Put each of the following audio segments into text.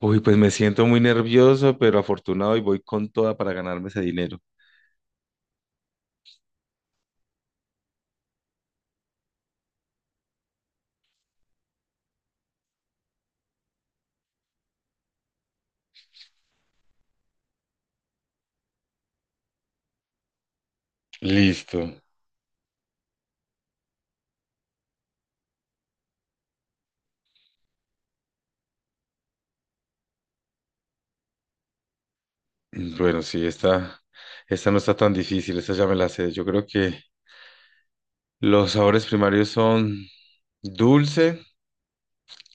Uy, pues me siento muy nervioso, pero afortunado y voy con toda para ganarme ese dinero. Listo. Bueno, sí, esta no está tan difícil, esta ya me la sé. Yo creo que los sabores primarios son dulce,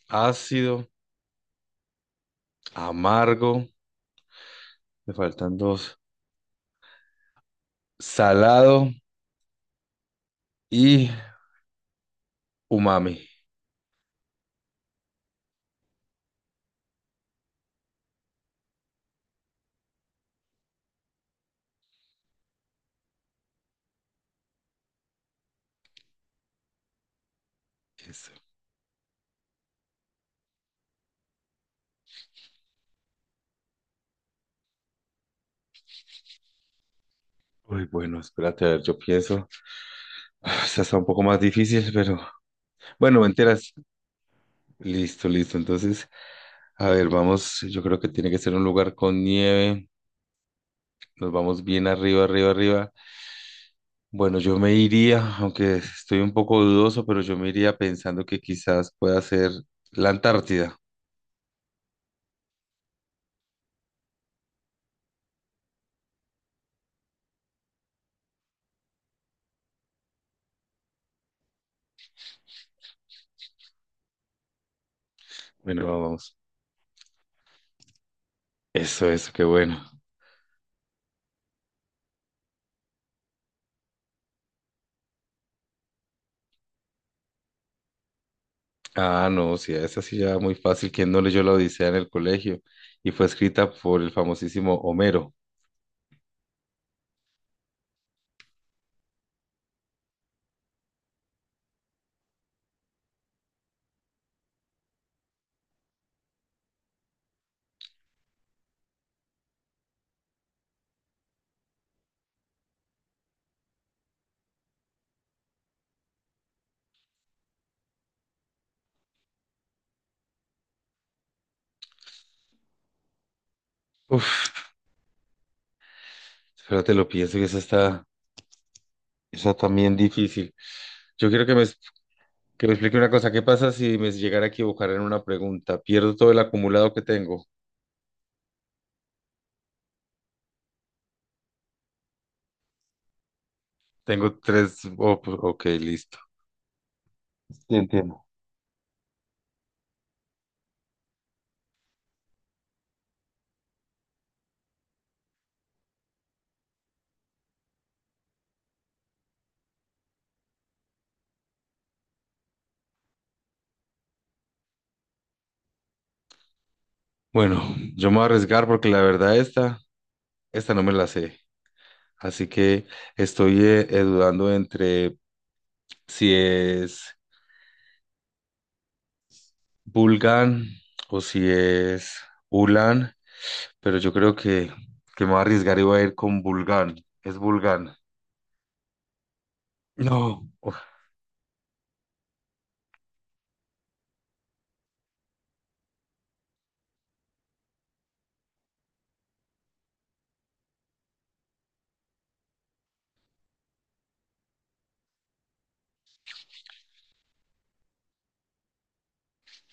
ácido, amargo, me faltan dos, salado y umami. Eso. Uy, bueno, espérate, a ver, yo pienso. Ah, esta está un poco más difícil, pero bueno, me enteras. Listo, listo. Entonces, a ver, vamos, yo creo que tiene que ser un lugar con nieve. Nos vamos bien arriba, arriba, arriba. Bueno, yo me iría, aunque estoy un poco dudoso, pero yo me iría pensando que quizás pueda ser la Antártida. Bueno, vamos. Eso, qué bueno. Ah, no, sí, esa sí ya muy fácil. ¿Quién no leyó la Odisea en el colegio? Y fue escrita por el famosísimo Homero. Uf, espérate, lo pienso que esa también difícil. Yo quiero que me, Que me explique una cosa, ¿qué pasa si me llegara a equivocar en una pregunta? ¿Pierdo todo el acumulado que tengo? Tengo tres, oh, pues, ok, listo. Sí, entiendo. Bueno, yo me voy a arriesgar porque la verdad esta no me la sé. Así que estoy dudando entre si es Bulgan o si es Ulan, pero yo creo que me voy a arriesgar y voy a ir con Bulgan. Es Bulgan. No. Uf,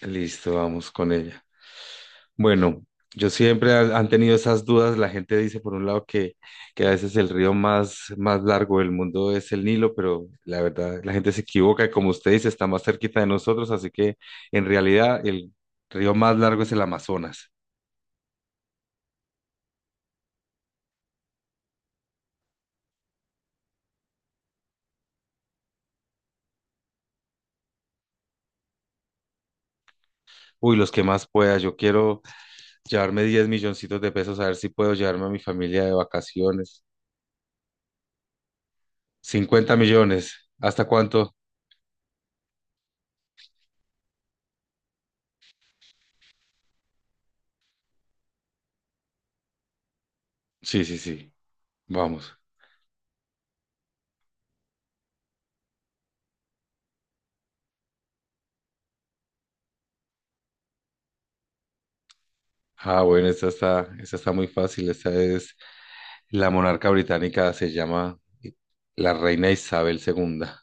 listo, vamos con ella. Bueno, yo siempre han tenido esas dudas. La gente dice, por un lado, que a veces el río más largo del mundo es el Nilo, pero la verdad, la gente se equivoca. Como usted dice, está más cerquita de nosotros, así que en realidad el río más largo es el Amazonas. Uy, los que más pueda. Yo quiero llevarme 10 milloncitos de pesos, a ver si puedo llevarme a mi familia de vacaciones. 50 millones. ¿Hasta cuánto? Sí, sí, sí. Vamos. Ah, bueno, esta está muy fácil. Esta es La monarca británica se llama la reina Isabel II.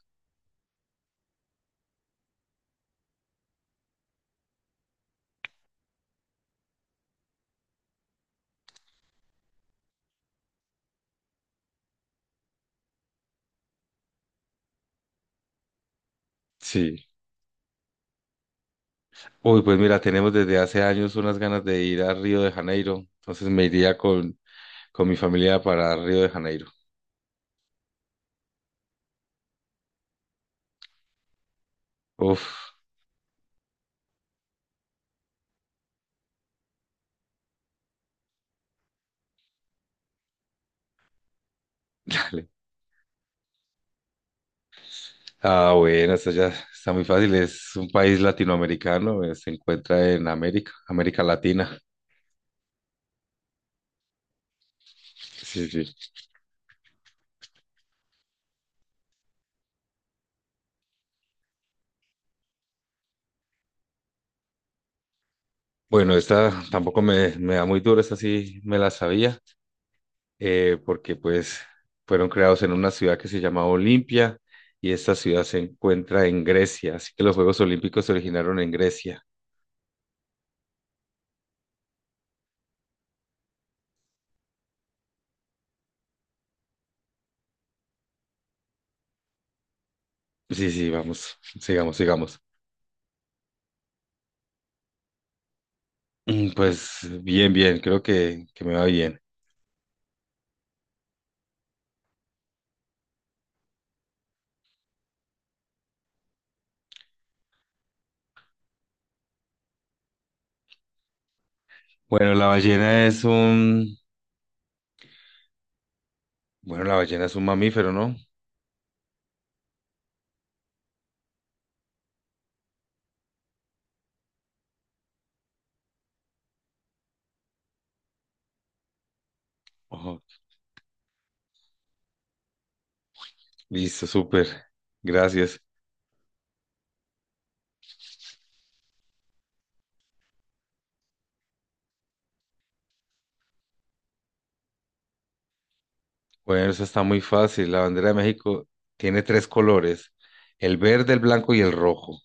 Sí. Uy, pues mira, tenemos desde hace años unas ganas de ir a Río de Janeiro. Entonces me iría con mi familia para Río de Janeiro. Uf. Dale. Ah, bueno, esto ya está muy fácil. Es un país latinoamericano, se encuentra en América, América Latina. Sí, sí. Bueno, esta tampoco me da muy duro, esta sí me la sabía. Porque pues fueron creados en una ciudad que se llamaba Olimpia y esta ciudad se encuentra en Grecia, así que los Juegos Olímpicos se originaron en Grecia. Sí, sí, vamos, sigamos, sigamos. Pues bien, bien, creo que me va bien. Bueno, la ballena es un, bueno, la ballena es un mamífero, ¿no? Ojo, listo, súper, gracias. Bueno, eso está muy fácil. La bandera de México tiene tres colores, el verde, el blanco y el rojo.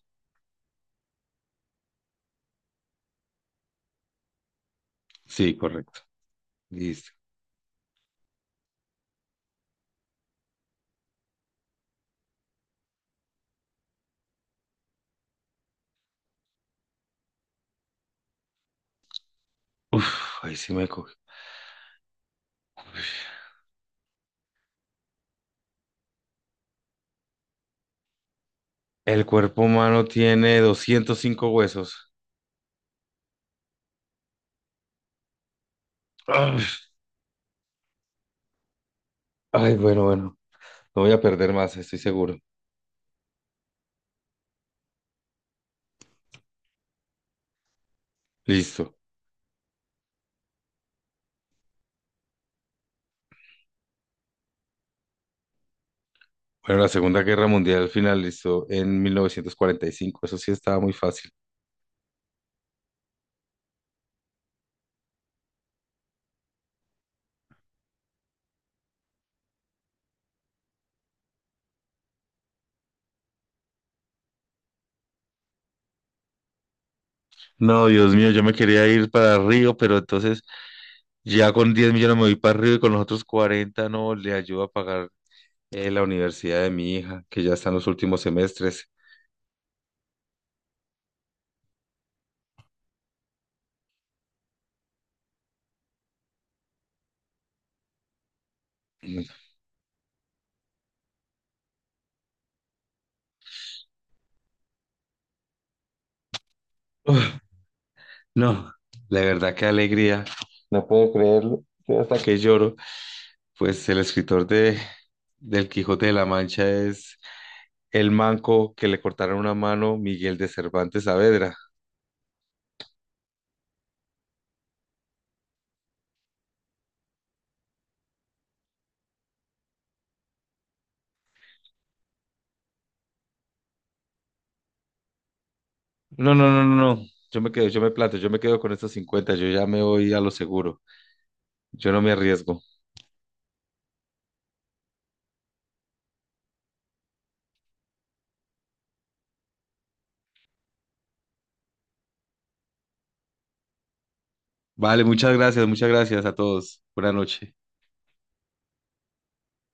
Sí, correcto. Listo. Uf, ahí sí me cogió. El cuerpo humano tiene 205 huesos. Ay, ay, bueno, bueno. No voy a perder más, estoy seguro. Listo. Bueno, la Segunda Guerra Mundial finalizó en 1945. Eso sí estaba muy fácil. No, Dios mío, yo me quería ir para Río, pero entonces ya con 10 millones me voy para Río y con los otros 40 no le ayudo a pagar la universidad de mi hija, que ya está en los últimos semestres. Uf, no, la verdad, qué alegría. No puedo creerlo. Estoy hasta que lloro. Pues el escritor de del Quijote de la Mancha es el manco que le cortaron una mano, Miguel de Cervantes Saavedra. No, no, no, no, no. Yo me quedo, yo me planto, yo me quedo con estos 50. Yo ya me voy a lo seguro. Yo no me arriesgo. Vale, muchas gracias a todos. Buenas noches.